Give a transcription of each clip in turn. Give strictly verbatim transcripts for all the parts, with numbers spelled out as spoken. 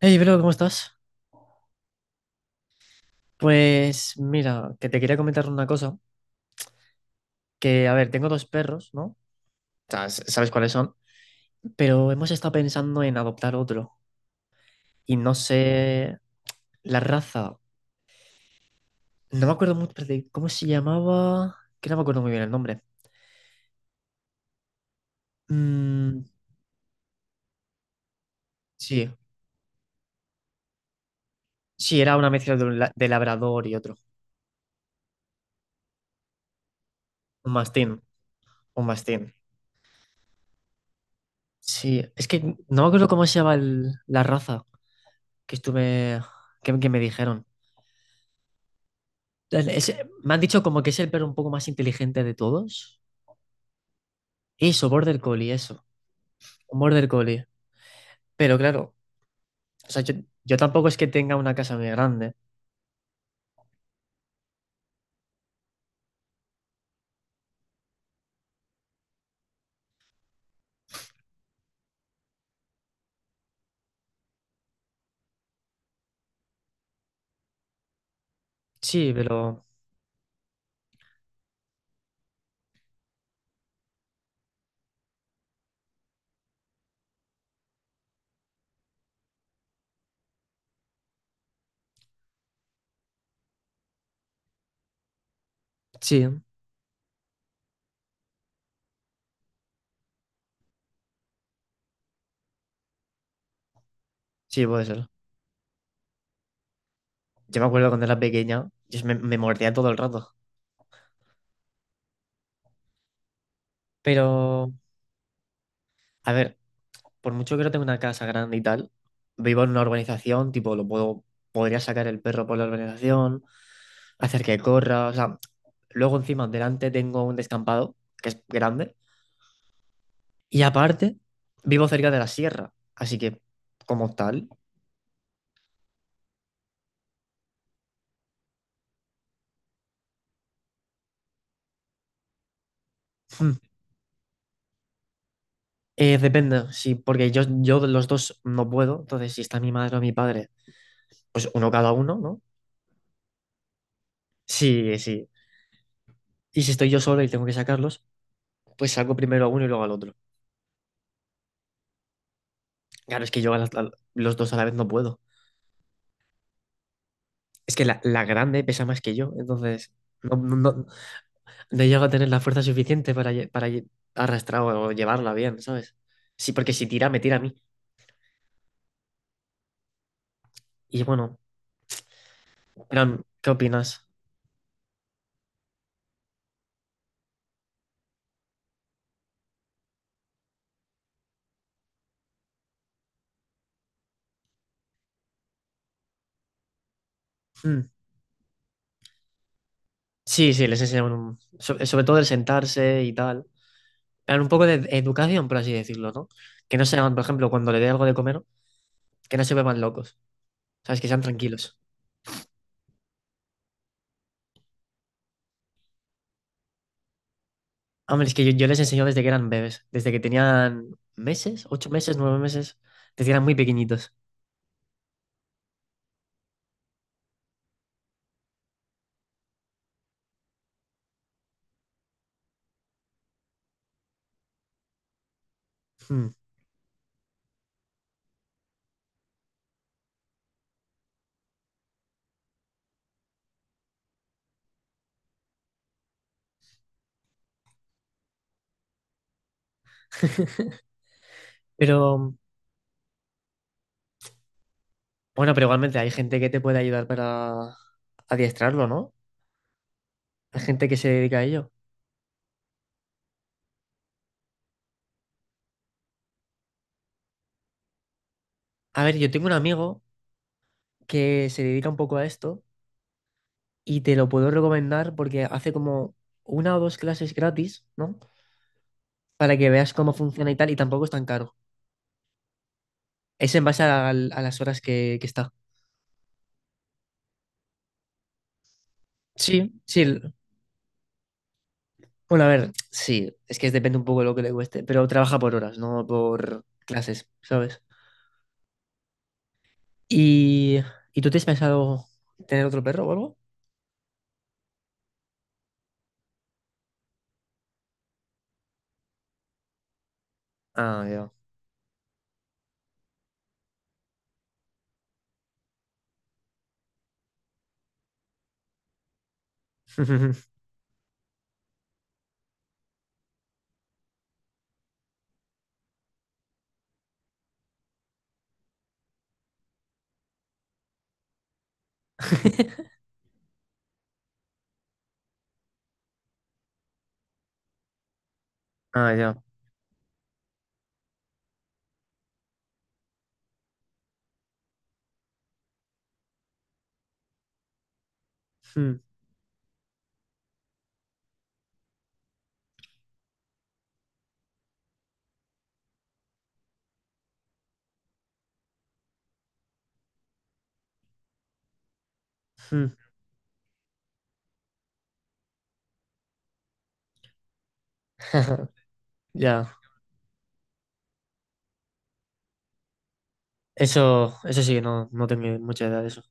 Hey, bro, ¿cómo estás? Pues mira, que te quería comentar una cosa, que a ver, tengo dos perros, ¿no? O sea, s- sabes cuáles son, pero hemos estado pensando en adoptar otro y no sé la raza. No me acuerdo mucho de cómo se llamaba, que no me acuerdo muy bien el nombre. Mm, sí, sí, era una mezcla de, un la- de labrador y otro, un mastín, un mastín. Sí, es que no me acuerdo cómo se llama el- la raza que estuve, que, que me dijeron. El- es- Me han dicho como que es el perro un poco más inteligente de todos. Eso, Border Collie, eso. Un Border Collie. Pero claro, o sea, yo, yo tampoco es que tenga una casa muy grande. Sí, pero sí, sí, puede ser. Yo me acuerdo cuando era pequeña, yo me, me mordía todo el rato. Pero, a ver, por mucho que no tenga una casa grande y tal, vivo en una urbanización, tipo, lo puedo, podría sacar el perro por la urbanización, hacer que corra, o sea, luego encima delante tengo un descampado que es grande. Y aparte, vivo cerca de la sierra, así que como tal, mm, eh, depende, sí, porque yo, yo de los dos no puedo, entonces si está mi madre o mi padre, pues uno cada uno, ¿no? Sí, sí. Y si estoy yo solo y tengo que sacarlos, pues saco primero a uno y luego al otro. Claro, es que yo a las- a los dos a la vez no puedo. Es que la, la grande pesa más que yo, entonces no, no, no- no llego a tener la fuerza suficiente para, lle- para lle- arrastrar o llevarla bien, ¿sabes? Sí, porque si tira, me tira a mí. Y bueno, Fran, ¿qué opinas? Sí, sí, les enseñan un- sobre, sobre todo el sentarse y tal. Dan un poco de educación, por así decirlo, ¿no? Que no sean, por ejemplo, cuando le dé algo de comer, que no se vuelvan locos, ¿sabes? Que sean tranquilos. Hombre, es que yo, yo les enseño desde que eran bebés, desde que tenían meses, ocho meses, nueve meses, desde que eran muy pequeñitos. Hmm. Pero, bueno, pero igualmente hay gente que te puede ayudar para adiestrarlo, ¿no? Hay gente que se dedica a ello. A ver, yo tengo un amigo que se dedica un poco a esto y te lo puedo recomendar porque hace como una o dos clases gratis, ¿no? Para que veas cómo funciona y tal, y tampoco es tan caro. Es en base al- a las horas que, que está. Sí, sí. l- Bueno, a ver, sí, es que depende un poco de lo que le cueste, pero trabaja por horas, no por clases, ¿sabes? ¿Y, ¿y tú te has pensado tener otro perro o algo? Ah, ya. Ah, ya. Hmm, hmm. Ya. Eso, eso sí, no, no tengo mucha idea de eso.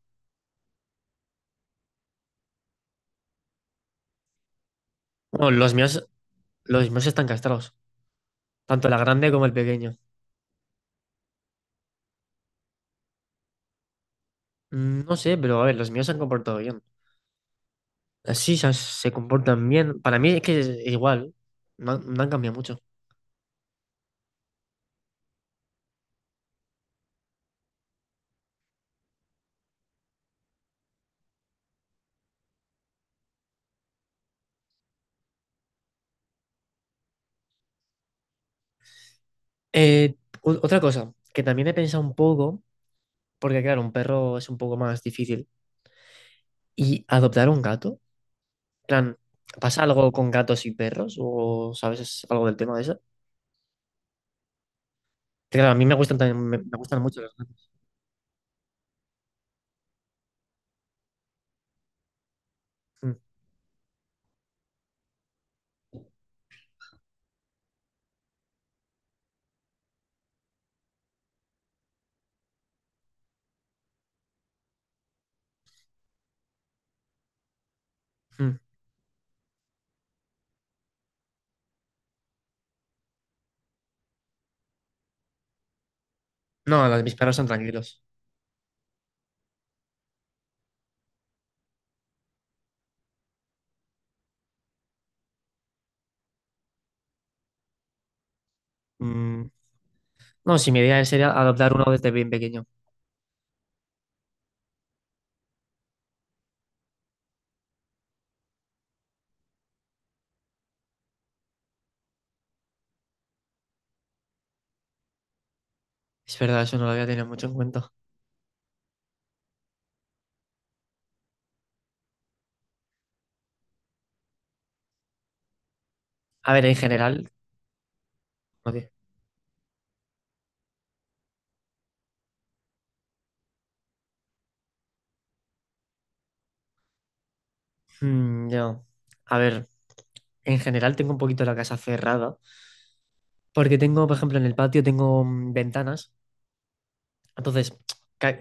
Bueno, los míos, los míos están castrados. Tanto la grande como el pequeño. Mm, No sé, pero a ver, los míos se han comportado bien. Así se, se comportan bien. Para mí es que es igual. No, han no han cambiado mucho. Eh, o- otra cosa, que también he pensado un poco, porque claro, un perro es un poco más difícil. ¿Y adoptar un gato? En plan, ¿pasa algo con gatos y perros? ¿O sabes algo del tema de eso? Que, claro, a mí me gustan también, me, me gustan mucho los gatos. Mm, mm. No, los- mis perros son tranquilos. Mm, No, si mi idea sería adoptar uno desde bien pequeño. Es verdad, eso no lo había tenido mucho en cuenta. A ver, en general, joder, mm, yo, a ver, en general tengo un poquito la casa cerrada, porque tengo, por ejemplo, en el patio tengo mm, ventanas, entonces, ca-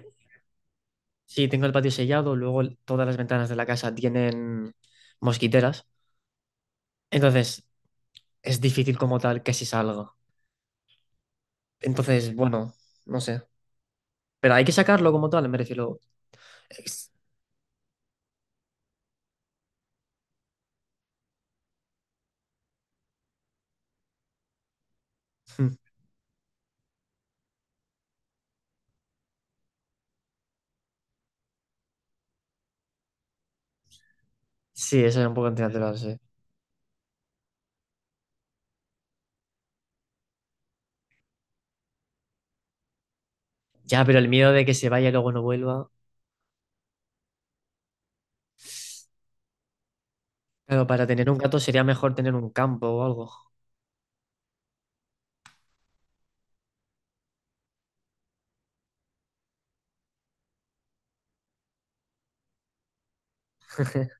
sí, tengo el patio sellado, luego el- todas las ventanas de la casa tienen mosquiteras, entonces es difícil como tal que se salga. Entonces, bueno, no sé, pero hay que sacarlo como tal, me refiero. es- mm, Sí, eso es un poco antinatural, sí. Ya, pero el miedo de que se vaya y luego no vuelva, claro, para tener un gato sería mejor tener un campo o algo.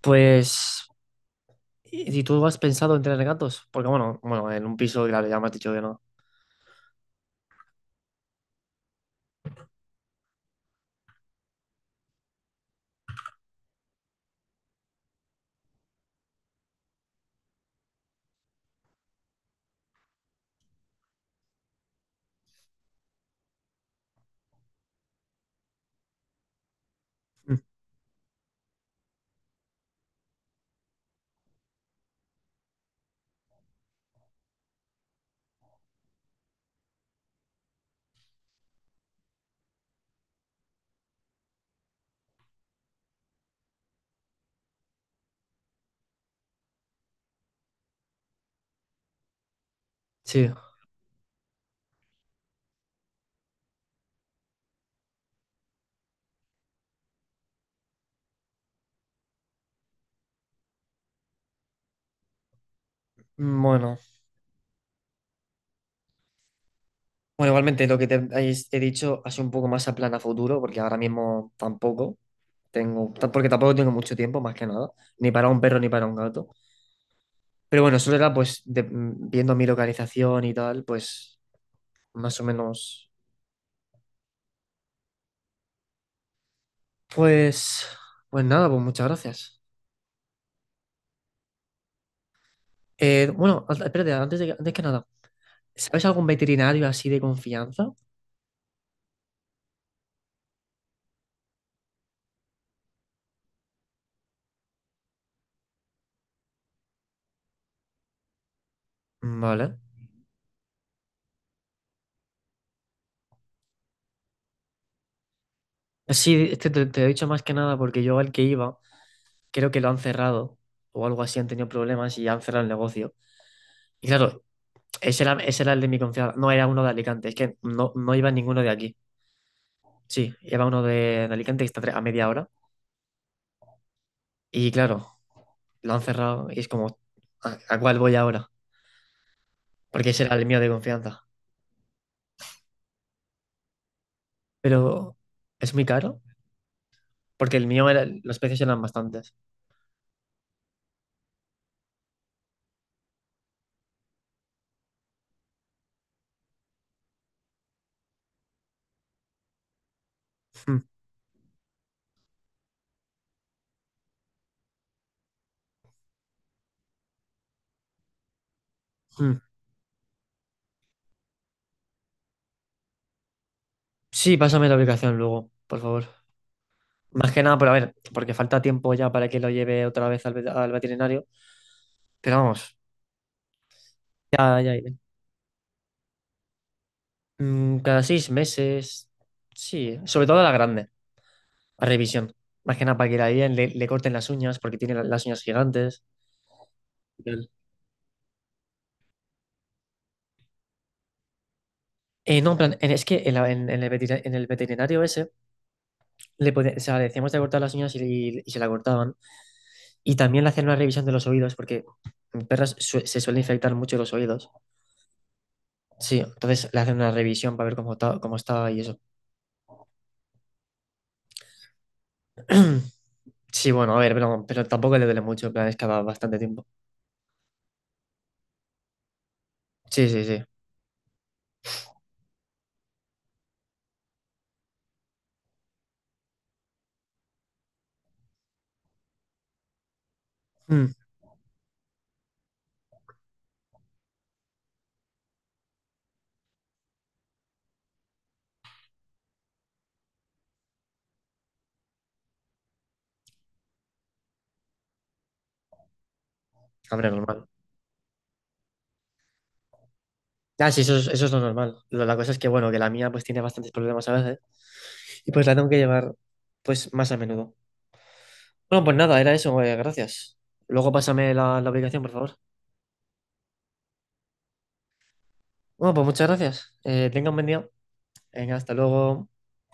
Pues, ¿y y tú has pensado en tener gatos? Porque bueno, bueno, en un piso, claro, ya me has dicho que no. Mm, Sí. Mm, bueno. Bueno, igualmente lo que te he he dicho hace un poco más a plan a futuro, porque ahora mismo tampoco tengo, ta- porque tampoco tengo mucho tiempo, más que nada, ni para un perro ni para un gato. Pero bueno, eso era pues de- mm, viendo mi localización y tal, pues más o menos. Pues, pues nada, pues muchas gracias. Eh, bueno, a- espérate, antes de, que- antes que nada, ¿sabes algún veterinario así de confianza? Vale. Sí, este te, te he dicho más que nada porque yo al que iba, creo que lo han cerrado o algo así, han tenido problemas y han cerrado el negocio. Y claro, ese era, ese era el de mi confianza, no era uno de Alicante, es que no, no iba ninguno de aquí. Sí, iba uno de, de Alicante que está a tre- a media hora. Y claro, lo han cerrado y es como, ¿a, ¿a cuál voy ahora? Porque ese era el mío de confianza. Pero es muy caro porque el mío, era, los precios eran bastantes. Mm, mm. Sí, pásame la aplicación luego, por favor. Más que nada, pero a ver, porque falta tiempo ya para que lo lleve otra vez al, ve- al veterinario. Pero vamos, ya, ya iré. Mm, cada seis meses, sí, sobre todo a la grande, a revisión. Más que nada para que la bien le, le corten las uñas, porque tiene la- las uñas gigantes. Y tal. Eh, no, en plan, en- es que en, la- en- en el veterina- en el veterinario ese, le, pone- o sea, le decíamos de cortar las uñas y, y- y se la cortaban. Y también le hacían una revisión de los oídos, porque en perras su- se suelen infectar mucho los oídos. Sí, entonces le hacen una revisión para ver cómo está, cómo está y eso. Sí, bueno, a ver, pero, pero tampoco le duele mucho, en plan, es que va bastante tiempo. Sí, sí, sí. Mm, hombre, normal. Ah, sí, eso es, eso es lo normal. Lo- la cosa es que, bueno, que la mía pues tiene bastantes problemas a veces y pues la tengo que llevar pues más a menudo. Bueno, pues nada, era eso, eh, gracias. Luego pásame la, la aplicación, por favor. Bueno, pues muchas gracias. Eh, tenga un buen día. Venga, hasta luego.